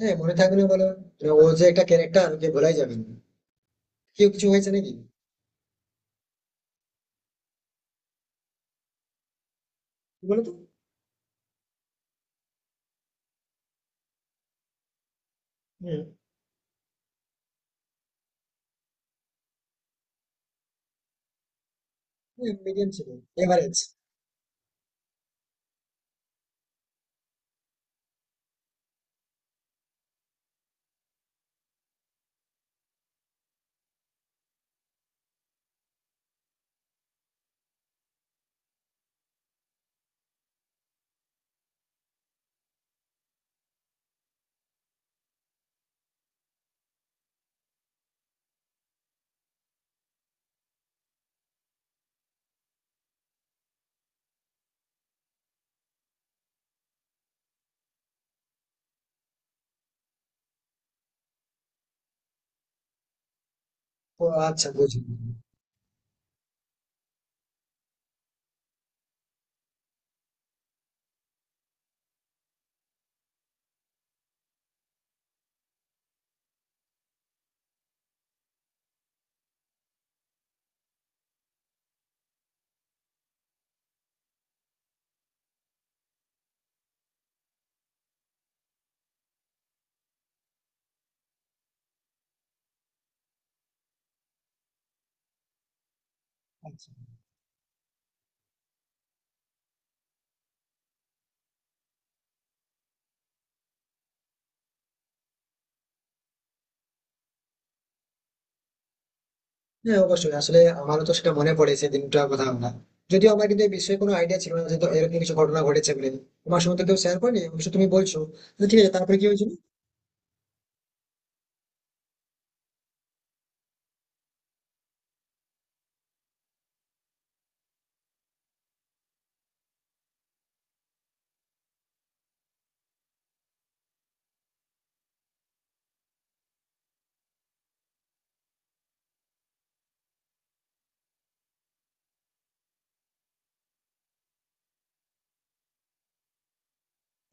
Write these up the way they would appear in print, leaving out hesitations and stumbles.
হ্যাঁ, মনে থাকবে না বলো? মানে ও যে একটা ক্যারেক্টার, ওকে ভোলাই যাবে না। কেউ কিছু হয়েছে নাকি? কি বলতো? হ্যাঁ, মিডিয়াম ছিল, এভারেজ। ও আচ্ছা, বুঝলি। আচ্ছা। হ্যাঁ অবশ্যই, আসলে আমারও তো সেটা মনে পড়ে সেই দিনটার কথা। আমরা, যদিও আমার কিন্তু এই বিষয়ে কোনো আইডিয়া ছিল না যে তো এরকম কিছু ঘটনা ঘটেছে বলে। তোমার সঙ্গে তো কেউ শেয়ার করেনি, অবশ্য তুমি বলছো। তো ঠিক আছে, তারপরে কি হয়েছিল?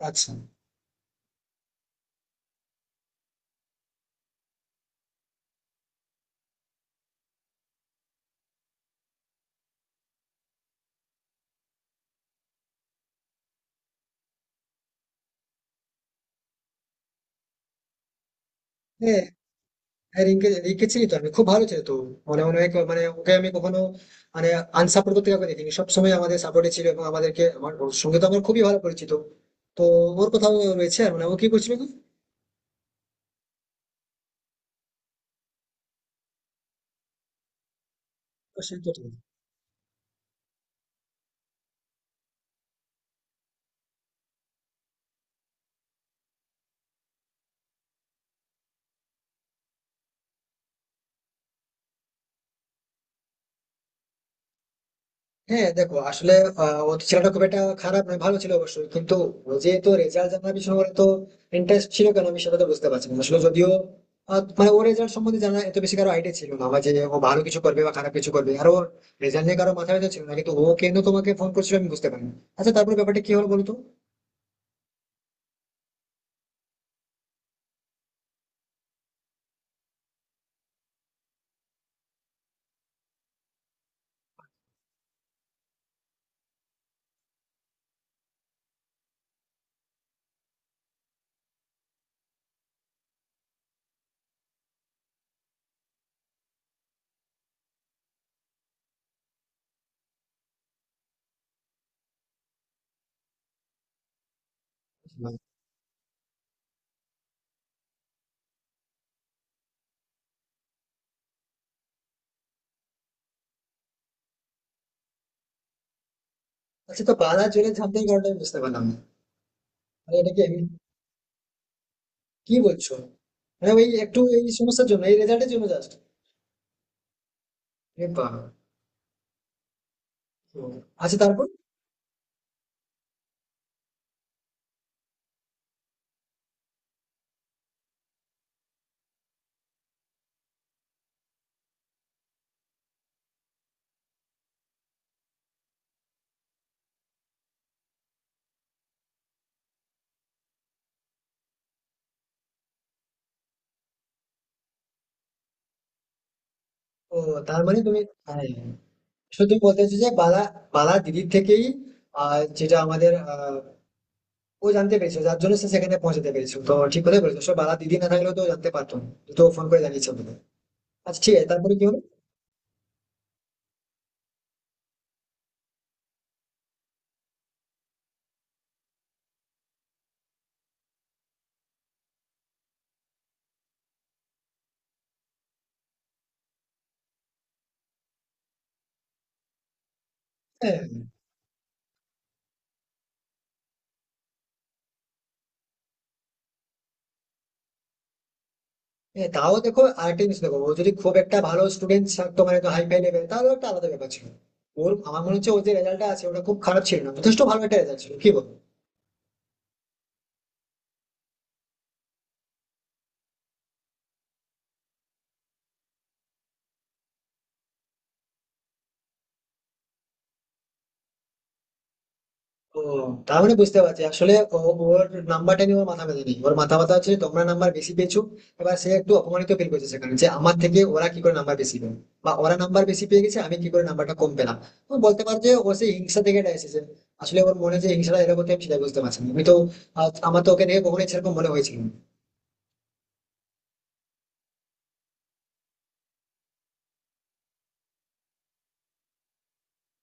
আচ্ছা। হ্যাঁ, হ্যাঁ রিঙ্কি রিঙ্কি চিনি তো আমি, খুব ভালো ছিল তো। মনে মনে হয় মানে ওকে আমি কখনো, মানে আনসাপোর্ট করতে কাউকে দেখিনি, সবসময় আমাদের সাপোর্টে ছিল এবং আমাদেরকে আমার, ওর সঙ্গে তো আমার খুবই ভালো পরিচিত। তো ওর কোথাও রয়েছে আর, মানে ও কি করছিল কি? ও শিল্পী। হ্যাঁ দেখো, আসলে ও তো ছেলেটা খুব একটা খারাপ নয়, ভালো ছিল অবশ্যই, কিন্তু ও যে তো রেজাল্ট জানার পিছনে ওর তো ইন্টারেস্ট ছিল কেন, আমি সেটা তো বুঝতে পারছি না আসলে। যদিও মানে ওর রেজাল্ট সম্বন্ধে জানা, এত বেশি কারো আইডিয়া ছিল না আমার, যে ও ভালো কিছু করবে বা খারাপ কিছু করবে। আর ওর রেজাল্ট নিয়ে কারো মাথায় ব্যথা ছিল না, কিন্তু ও কেন তোমাকে ফোন করছিল আমি বুঝতে পারিনি। আচ্ছা, তারপরে ব্যাপারটা কি হলো বলতো? আচ্ছা, তো পাড়া জলে ঝাঁপটাই কারণটা আমি বুঝতে পারলাম না। মানে এটা কি আমি, কি বলছো? মানে ওই একটু এই সমস্যার জন্য, এই রেজাল্টের জন্য জাস্ট? আচ্ছা তারপর? ও তার মানে তুমি, হ্যাঁ শুধু বলতে চাইছি যে বালা, বালা দিদির থেকেই, যেটা আমাদের, ও জানতে পেরেছে, যার জন্য সে সেখানে পৌঁছাতে পেরেছে। তো ঠিক কথাই বলেছো সব, বালা দিদি না থাকলেও তো ও জানতে পারতো না। তো ফোন করে জানিয়েছে আমাকে। আচ্ছা ঠিক আছে, তারপরে কি হলো? হ্যাঁ। হ্যাঁ, তাও দেখো আরেকটা জিনিস দেখো, ও যদি খুব একটা ভালো স্টুডেন্ট থাকতো, মানে হাই ফাই লেভেল, তাহলে একটা আলাদা ব্যাপার ছিল। ওর, আমার মনে হচ্ছে ওর যে রেজাল্টটা আছে ওটা খুব খারাপ ছিল না, যথেষ্ট ভালো একটা রেজাল্ট ছিল, কি বল? ও তাহলে বুঝতে পারছি, আসলে ও, ওর নাম্বারটা নিয়ে ওর মাথা ব্যথা নেই, ওর মাথা ব্যথা হচ্ছে তোমরা নাম্বার বেশি পেয়েছো। এবার সে একটু অপমানিত ফিল করছে সেখানে, যে আমার থেকে ওরা কি করে নাম্বার বেশি পেল, বা ওরা নাম্বার বেশি পেয়ে গেছে আমি কি করে নাম্বারটা কম পেলাম। ও, বলতে পারো যে ও সেই হিংসা থেকে এটা এসেছে। আসলে ওর মনে যে হিংসাটা এরকম হচ্ছে, আমি সেটা বুঝতে পারছি না, আমি তো আমার তো ওকে দেখে কখনোই সেরকম মনে হয়েছিল না।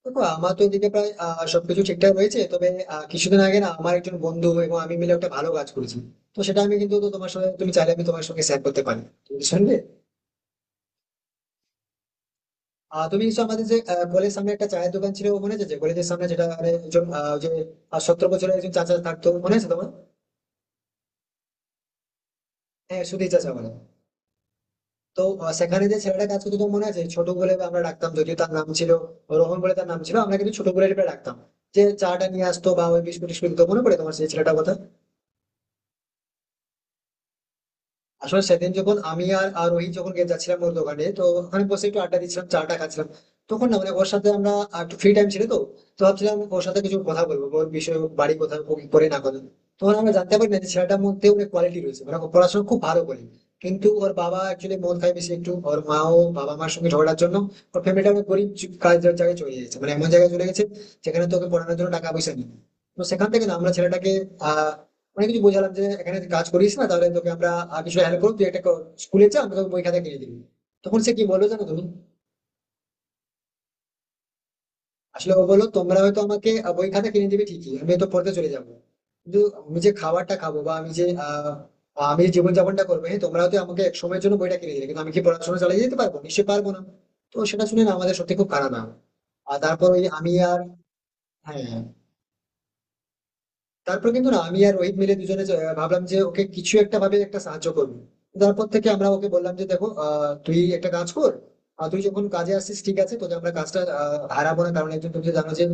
দেখো আমার তো এদিকে প্রায় সবকিছু ঠিকঠাক রয়েছে, তবে কিছুদিন আগে না আমার একজন বন্ধু এবং আমি মিলে একটা ভালো কাজ করেছি। তো সেটা আমি কিন্তু, তো তোমার সঙ্গে, তুমি চাইলে আমি তোমার সঙ্গে শেয়ার করতে পারি, তুমি শুনবে? তুমি নিশ্চয় আমাদের যে কলেজের সামনে একটা চায়ের দোকান ছিল মনে আছে, যে কলেজের সামনে যেটা, মানে একজন যে 17 বছরের একজন চাচা থাকতো, মনে আছে তোমার? হ্যাঁ সুধীর চাচা বলে। তো সেখানে যে ছেলেটা কাজ করতো তোমার মনে আছে, ছোট বলে আমরা ডাকতাম, যদিও তার নাম ছিল রোহন বলে তার নাম ছিল, আমরা কিন্তু ছোট বলে ডাকতাম। যে চাটা নিয়ে আসতো বা ওই বিস্কুট টিস্কুট দিতো, মনে পড়ে তোমার সেই ছেলেটার কথা? আসলে সেদিন যখন আমি আর আর রোহিত যখন যাচ্ছিলাম ওর দোকানে, তো ওখানে বসে একটু আড্ডা দিচ্ছিলাম, চাটা খাচ্ছিলাম, তখন না মানে ওর সাথে আমরা, আর একটু ফ্রি টাইম ছিল তো, তো ভাবছিলাম ওর সাথে কিছু কথা বলবো ওর বিষয়ে, ওর বাড়ি কোথায়, ও কি করে না করে। তখন আমরা জানতে পারি না যে ছেলেটার মধ্যে অনেক কোয়ালিটি রয়েছে, মানে ও পড়াশোনা খুব ভালো করে, কিন্তু ওর বাবা অ্যাকচুয়ালি মন খায় বেশি একটু, ওর মা ও বাবা মার সঙ্গে ঝগড়ার জন্য ওর ফ্যামিলিটা অনেক গরিব কাজ জায়গায় চলে গেছে, মানে এমন জায়গায় চলে গেছে যেখানে তোকে পড়ানোর জন্য টাকা পয়সা নেই। তো সেখান থেকে না আমরা ছেলেটাকে আহ অনেক কিছু বোঝালাম, যে এখানে তুই কাজ করিস না তাহলে তোকে আমরা কিছু হেল্প করবো, তুই একটা স্কুলে যা, আমরা তোকে বই খাতা কিনে দিবি। তখন সে কি বললো জানো তুমি? আসলে ও বললো তোমরা হয়তো আমাকে বই খাতা কিনে দিবে ঠিকই, আমি তো পড়তে চলে যাবো, কিন্তু আমি যে খাবারটা খাবো, বা আমি যে আমি যে জীবনযাপনটা করবো, হ্যাঁ তোমরা হয়তো আমাকে এক সময়ের জন্য বইটা কিনে দিলে, কিন্তু আমি কি পড়াশোনা চালিয়ে যেতে পারবো? নিশ্চয়ই পারবো না। তো সেটা শুনে না আমাদের সত্যি খুব খারাপ, না আর তারপর ওই আমি আর, হ্যাঁ তারপর কিন্তু না আমি আর রোহিত মিলে দুজনে ভাবলাম যে ওকে কিছু একটা ভাবে একটা সাহায্য করবো। তারপর থেকে আমরা ওকে বললাম যে দেখো তুই একটা কাজ কর, আর তুই যখন কাজে আসছিস ঠিক আছে, তোকে আমরা কাজটা হারাবো না, কারণ একজন তুমি তো জানো যে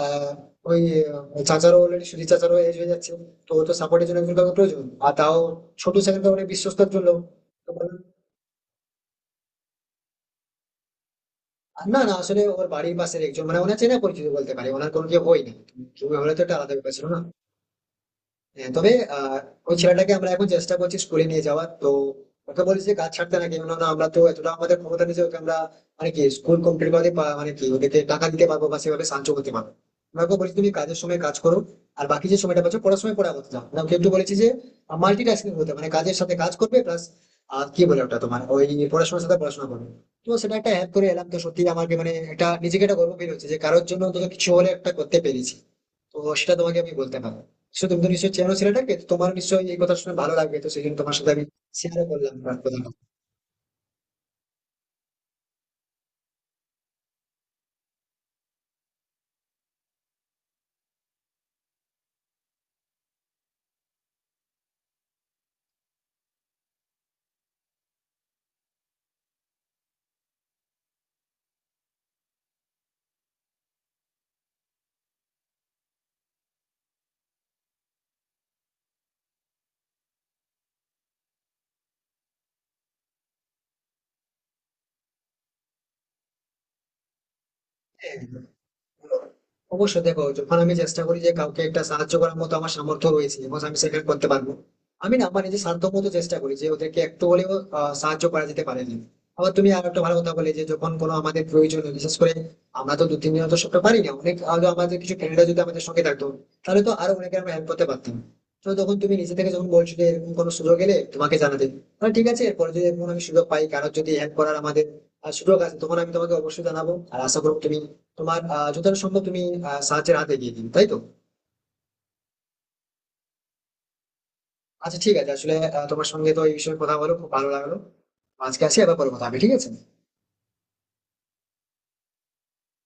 আহ, ওই চাচারও অলরেডি, সুধীর চাচারও এজ হয়ে যাচ্ছে, তো ওর তো সাপোর্টের জন্য একজন কাউকে প্রয়োজন, আর তাও ছোট সেখানে অনেক বিশ্বস্তর জন্য। তো বললাম, আর না না আসলে ওর বাড়ির পাশের একজন, মানে ওনার চেনা পরিচিত বলতে পারে, ওনার কোনো কেউ হয় না, তুমি হলে তো একটা আলাদা ব্যাপার ছিল, না। হ্যাঁ, তবে আহ ওই ছেলেটাকে আমরা এখন চেষ্টা করছি স্কুলে নিয়ে যাওয়ার। তো ওকে বলেছি যে কাজ ছাড়তে, না কেন না আমরা তো এতটা আমাদের ক্ষমতা নেই যে ওকে আমরা, মানে কি স্কুল কমপ্লিট করে মানে কি ওদেরকে টাকা দিতে পারবো বা সেভাবে সাহায্য করতে পারবো। আমরা ওকে বলেছি তুমি কাজের সময় কাজ করো, আর বাকি যে সময়টা পাচ্ছ পড়ার সময় পড়া করতে যাও না, ওকে একটু বলেছি যে মাল্টিটাস্কিং হতে, মানে কাজের সাথে কাজ করবে প্লাস আর কি বলে ওটা তোমার ওই পড়াশোনার সাথে পড়াশোনা করবে। তো সেটা একটা হেল্প করে এলাম, তো সত্যি আমাকে মানে একটা নিজেকে একটা গর্ব ফিল হচ্ছে যে কারোর জন্য অন্তত কিছু হলে একটা করতে পেরেছি। তো সেটা তোমাকে আমি বলতে পারবো, সে তুমি তো নিশ্চয়ই চেনো ছেলেটাকে, তো তোমার নিশ্চয়ই এই কথা শুনে ভালো লাগবে, তো সেই জন্য তোমার সাথে আমি শেয়ারও করলাম তোমার কথাটা। হ্যাঁ অবশ্যই, দেখো যখন আমি চেষ্টা করি যে কাউকে একটা সাহায্য করার মতো আমার সামর্থ্য রয়েছে এবং আমি সেটা করতে পারবো, আমি না আমার নিজের সাধ্য মতো চেষ্টা করি যে ওদেরকে একটু হলেও সাহায্য করা যেতে পারে না। আবার তুমি আর একটা ভালো কথা বলে যে যখন কোনো আমাদের প্রয়োজন হয়, বিশেষ করে আমরা তো দু তিন দিন তো সবটা পারি না, অনেক হলো আমাদের কিছু ফ্রেন্ডরা যদি আমাদের সঙ্গে থাকতো তাহলে তো আরো অনেকে আমরা হেল্প করতে পারতাম। তো তখন তুমি নিজে থেকে যখন বলছো যে এরকম কোনো সুযোগ এলে তোমাকে জানাতে, তাহলে ঠিক আছে এরপরে যদি এরকম আমি সুযোগ পাই কারোর যদি হেল্প করার আমাদের সুযোগ আছে, তখন আমি তোমাকে অবশ্যই জানাবো, আর আশা করবো তুমি তোমার যতটা সম্ভব তুমি সাহায্যের হাতে এগিয়ে দিন, তাই তো। আচ্ছা ঠিক আছে, আসলে তোমার সঙ্গে তো এই বিষয়ে কথা বলে খুব ভালো লাগলো। আজকে আসি, আবার পরে কথা হবে ঠিক আছে?